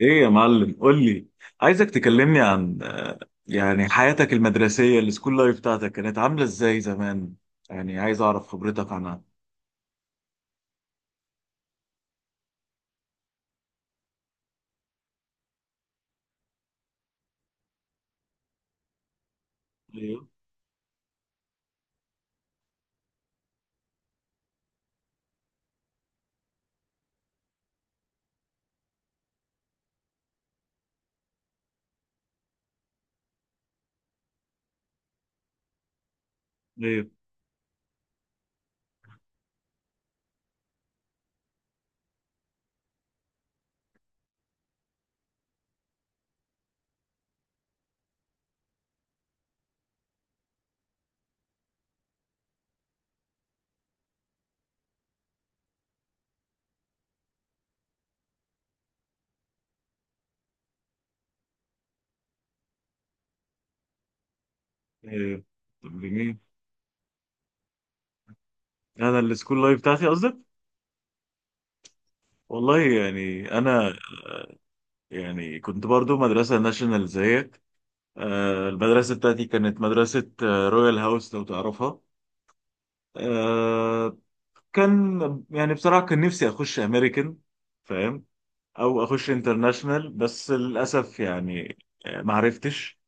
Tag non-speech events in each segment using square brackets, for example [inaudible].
ايه يا معلم، قول لي. عايزك تكلمني عن يعني حياتك المدرسية، السكول لايف بتاعتك كانت عاملة ازاي زمان؟ يعني عايز اعرف خبرتك عنها. ايوه، ايوه، ايوه. طب جميل. انا السكول لايف بتاعتي قصدك؟ والله يعني انا، يعني كنت برضو مدرسة ناشونال زيك. المدرسة بتاعتي كانت مدرسة رويال هاوس، لو تعرفها. آه، كان يعني بصراحة كان نفسي اخش امريكان، فاهم؟ او اخش انترناشنال، بس للاسف يعني ما عرفتش.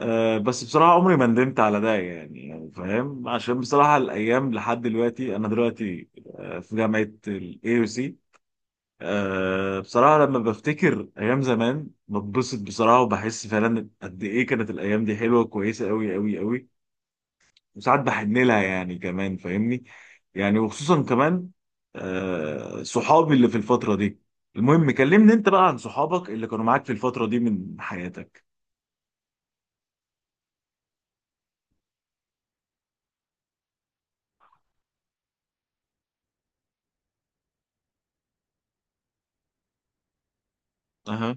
بس بصراحه عمري ما ندمت على ده، يعني فاهم، عشان بصراحه الايام لحد دلوقتي، انا دلوقتي في جامعه الاي يو سي. بصراحه لما بفتكر ايام زمان، بتبسط بصراحه وبحس فعلا قد ايه كانت الايام دي حلوه، كويسه قوي قوي قوي. وساعات بحن لها، يعني كمان فاهمني. يعني وخصوصا كمان صحابي اللي في الفترة دي. المهم كلمني انت بقى عن صحابك اللي كانوا معاك في الفترة دي من حياتك. اها.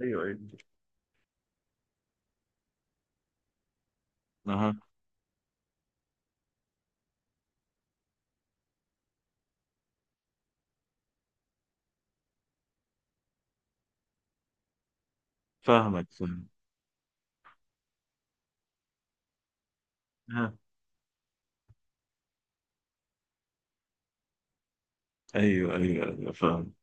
ايوه، ايوه. اها. فاهمك، فاهم. أها. ايوه، ايوه، ايوه، فاهم.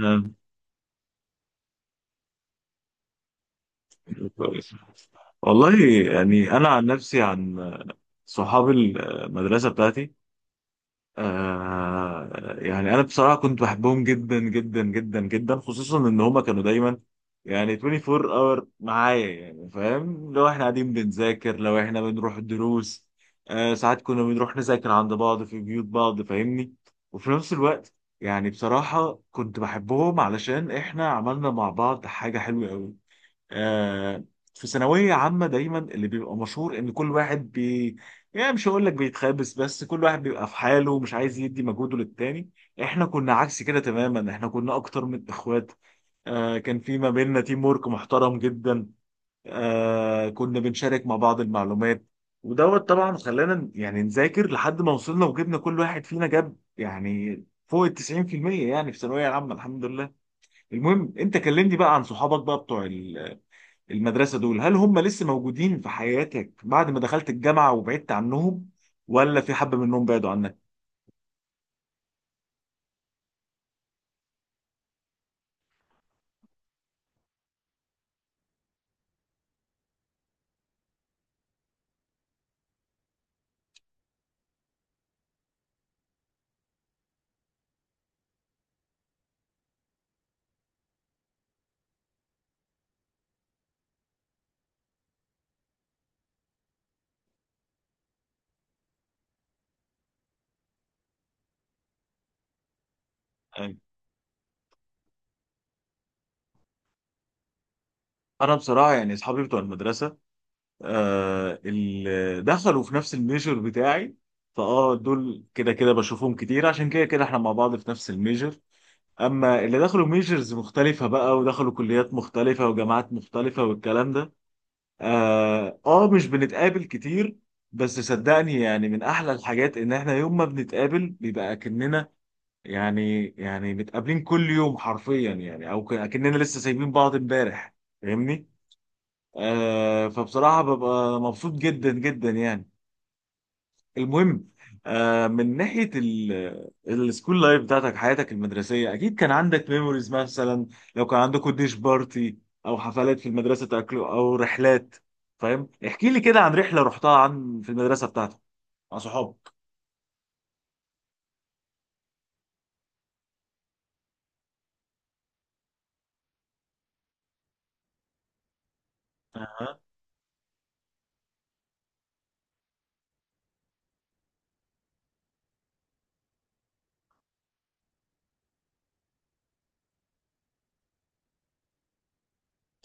أها. كويس. والله يعني انا، عن نفسي، عن صحابي المدرسة بتاعتي، آه، يعني انا بصراحه كنت بحبهم جدا جدا جدا جدا، خصوصا ان هما كانوا دايما يعني 24 اور معايا، يعني فاهم، لو احنا قاعدين بنذاكر، لو احنا بنروح الدروس. آه، ساعات كنا بنروح نذاكر عند بعض، في بيوت بعض، فاهمني. وفي نفس الوقت يعني بصراحه كنت بحبهم، علشان احنا عملنا مع بعض حاجه حلوه قوي. آه، في ثانوية عامة دايما اللي بيبقى مشهور ان كل واحد يعني مش هقول لك بيتخابس، بس كل واحد بيبقى في حاله ومش عايز يدي مجهوده للتاني. احنا كنا عكس كده تماما، احنا كنا اكتر من اخوات. آه، كان في ما بيننا تيم وورك محترم جدا. آه، كنا بنشارك مع بعض المعلومات. ودوت طبعا خلانا يعني نذاكر لحد ما وصلنا وجبنا، كل واحد فينا جاب يعني فوق ال 90%، يعني في الثانوية العامة الحمد لله. المهم انت كلمني بقى عن صحابك بقى بتوع المدرسة دول، هل هم لسه موجودين في حياتك بعد ما دخلت الجامعة وبعدت عنهم، ولا في حبة منهم بعدوا عنك؟ أيوة. أنا بصراحة يعني أصحابي بتوع المدرسة، آه اللي دخلوا في نفس الميجر بتاعي، فأه دول كده كده بشوفهم كتير، عشان كده كده إحنا مع بعض في نفس الميجر. أما اللي دخلوا ميجرز مختلفة بقى، ودخلوا كليات مختلفة وجامعات مختلفة والكلام ده، مش بنتقابل كتير. بس صدقني يعني من أحلى الحاجات إن إحنا يوم ما بنتقابل بيبقى كأننا، يعني متقابلين كل يوم حرفيا، يعني او اكننا لسه سايبين بعض امبارح. فاهمني؟ آه، فبصراحه ببقى مبسوط جدا جدا يعني. المهم. من ناحيه السكول لايف بتاعتك، حياتك المدرسيه، اكيد كان عندك ميموريز مثلا، لو كان عندكم ديش بارتي او حفلات في المدرسه تاكلوا، او رحلات. فاهم؟ احكي لي كده عن رحله رحتها عن في المدرسه بتاعتك مع صحابك. اها.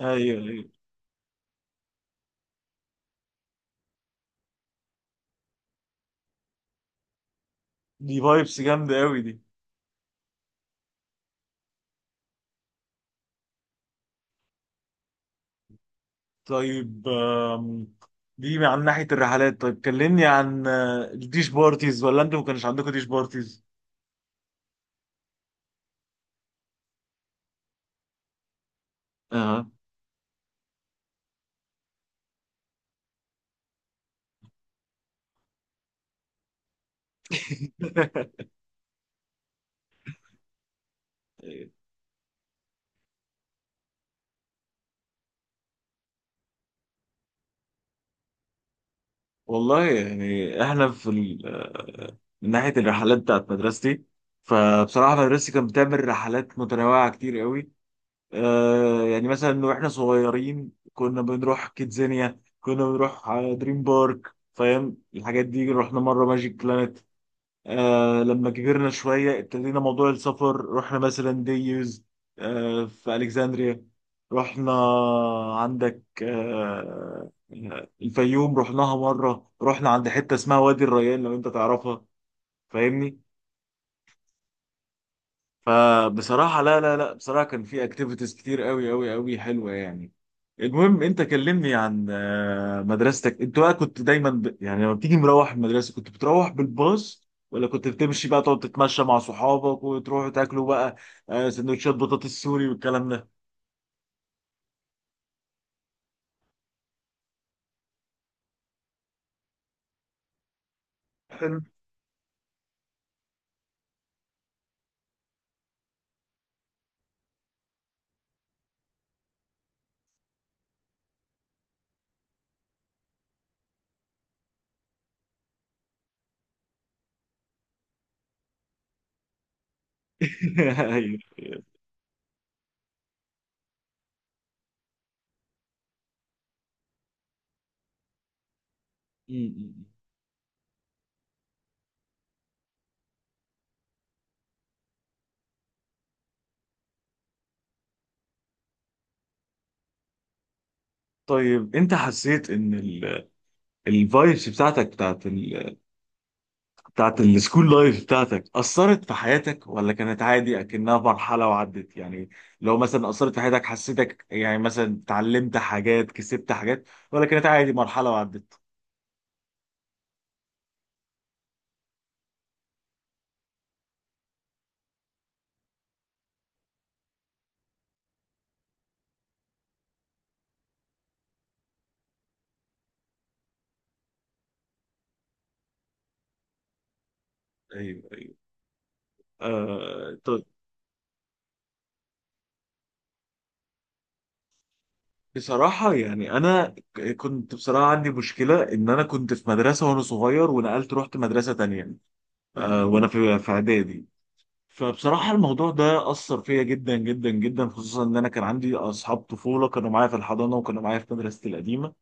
ايوه، ايوه. دي فايبس جامده قوي دي. طيب. دي عن ناحية الرحلات، طيب كلمني عن الديش بارتيز، ولا انتوا ما كانش عندكم ديش بارتيز؟ اه. [laughs] والله يعني احنا في من ناحية الرحلات بتاعت مدرستي، فبصراحة مدرستي كانت بتعمل رحلات متنوعة كتير قوي. يعني مثلا واحنا صغيرين كنا بنروح كيدزانيا، كنا بنروح دريم بارك، فاهم الحاجات دي، رحنا مرة ماجيك بلانت. آه، لما كبرنا شوية ابتدينا موضوع السفر، رحنا مثلا ديوز في ألكسندريا. رحنا عندك آه الفيوم، رحناها مرة. رحنا عند حتة اسمها وادي الريان، لو أنت تعرفها، فاهمني؟ فبصراحة لا لا لا، بصراحة كان في اكتيفيتيز كتير قوي قوي قوي حلوة يعني. المهم، انت كلمني عن مدرستك انت بقى. كنت دايما يعني لما بتيجي مروح المدرسة، كنت بتروح بالباص ولا كنت بتمشي بقى، تقعد تتمشى مع صحابك وتروحوا تاكلوا بقى سندوتشات بطاطس سوري والكلام ده؟ حلو. [laughs] أيوة. م- م- م. طيب انت حسيت ان الفايبس بتاعتك بتاعت السكول لايف بتاعتك أثرت في حياتك، ولا كانت عادي أكنها مرحلة وعدت؟ يعني لو مثلا أثرت في حياتك، حسيتك يعني مثلا اتعلمت حاجات، كسبت حاجات، ولا كانت عادي مرحلة وعدت؟ ايوه. آه طيب. بصراحة يعني أنا كنت بصراحة عندي مشكلة إن أنا كنت في مدرسة وأنا صغير، ونقلت رحت مدرسة تانية آه، وأنا في إعدادي. فبصراحة الموضوع ده أثر فيا جدا جدا جدا، خصوصا إن أنا كان عندي أصحاب طفولة كانوا معايا في الحضانة وكانوا معايا في مدرستي القديمة،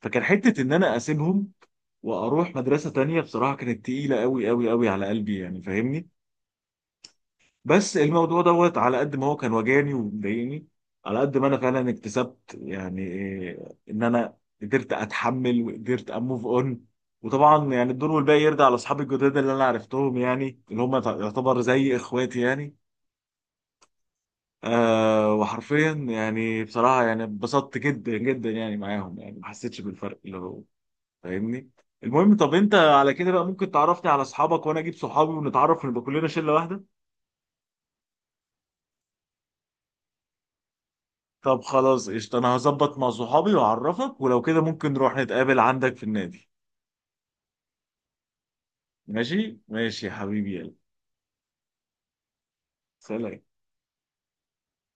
فكان حتة إن أنا أسيبهم وأروح مدرسة تانية. بصراحة كانت تقيلة أوي أوي أوي على قلبي، يعني فاهمني. بس الموضوع دوت على قد ما هو كان وجعني ومضايقني، على قد ما أنا فعلا اكتسبت يعني إيه، إن أنا قدرت أتحمل وقدرت أموف أون. وطبعا يعني الدور والباقي يرجع لأصحابي الجداد اللي أنا عرفتهم، يعني اللي هم يعتبر زي إخواتي يعني. آه، وحرفيا يعني بصراحة يعني اتبسطت جدا جدا يعني معاهم، يعني ما حسيتش بالفرق اللي هو، فاهمني. المهم، طب انت على كده بقى ممكن تعرفني على اصحابك، وانا اجيب صحابي ونتعرف ونبقى كلنا شله واحده. طب خلاص قشطه، انا هظبط مع صحابي واعرفك، ولو كده ممكن نروح نتقابل عندك في النادي. ماشي ماشي يا حبيبي، يلا. سلام.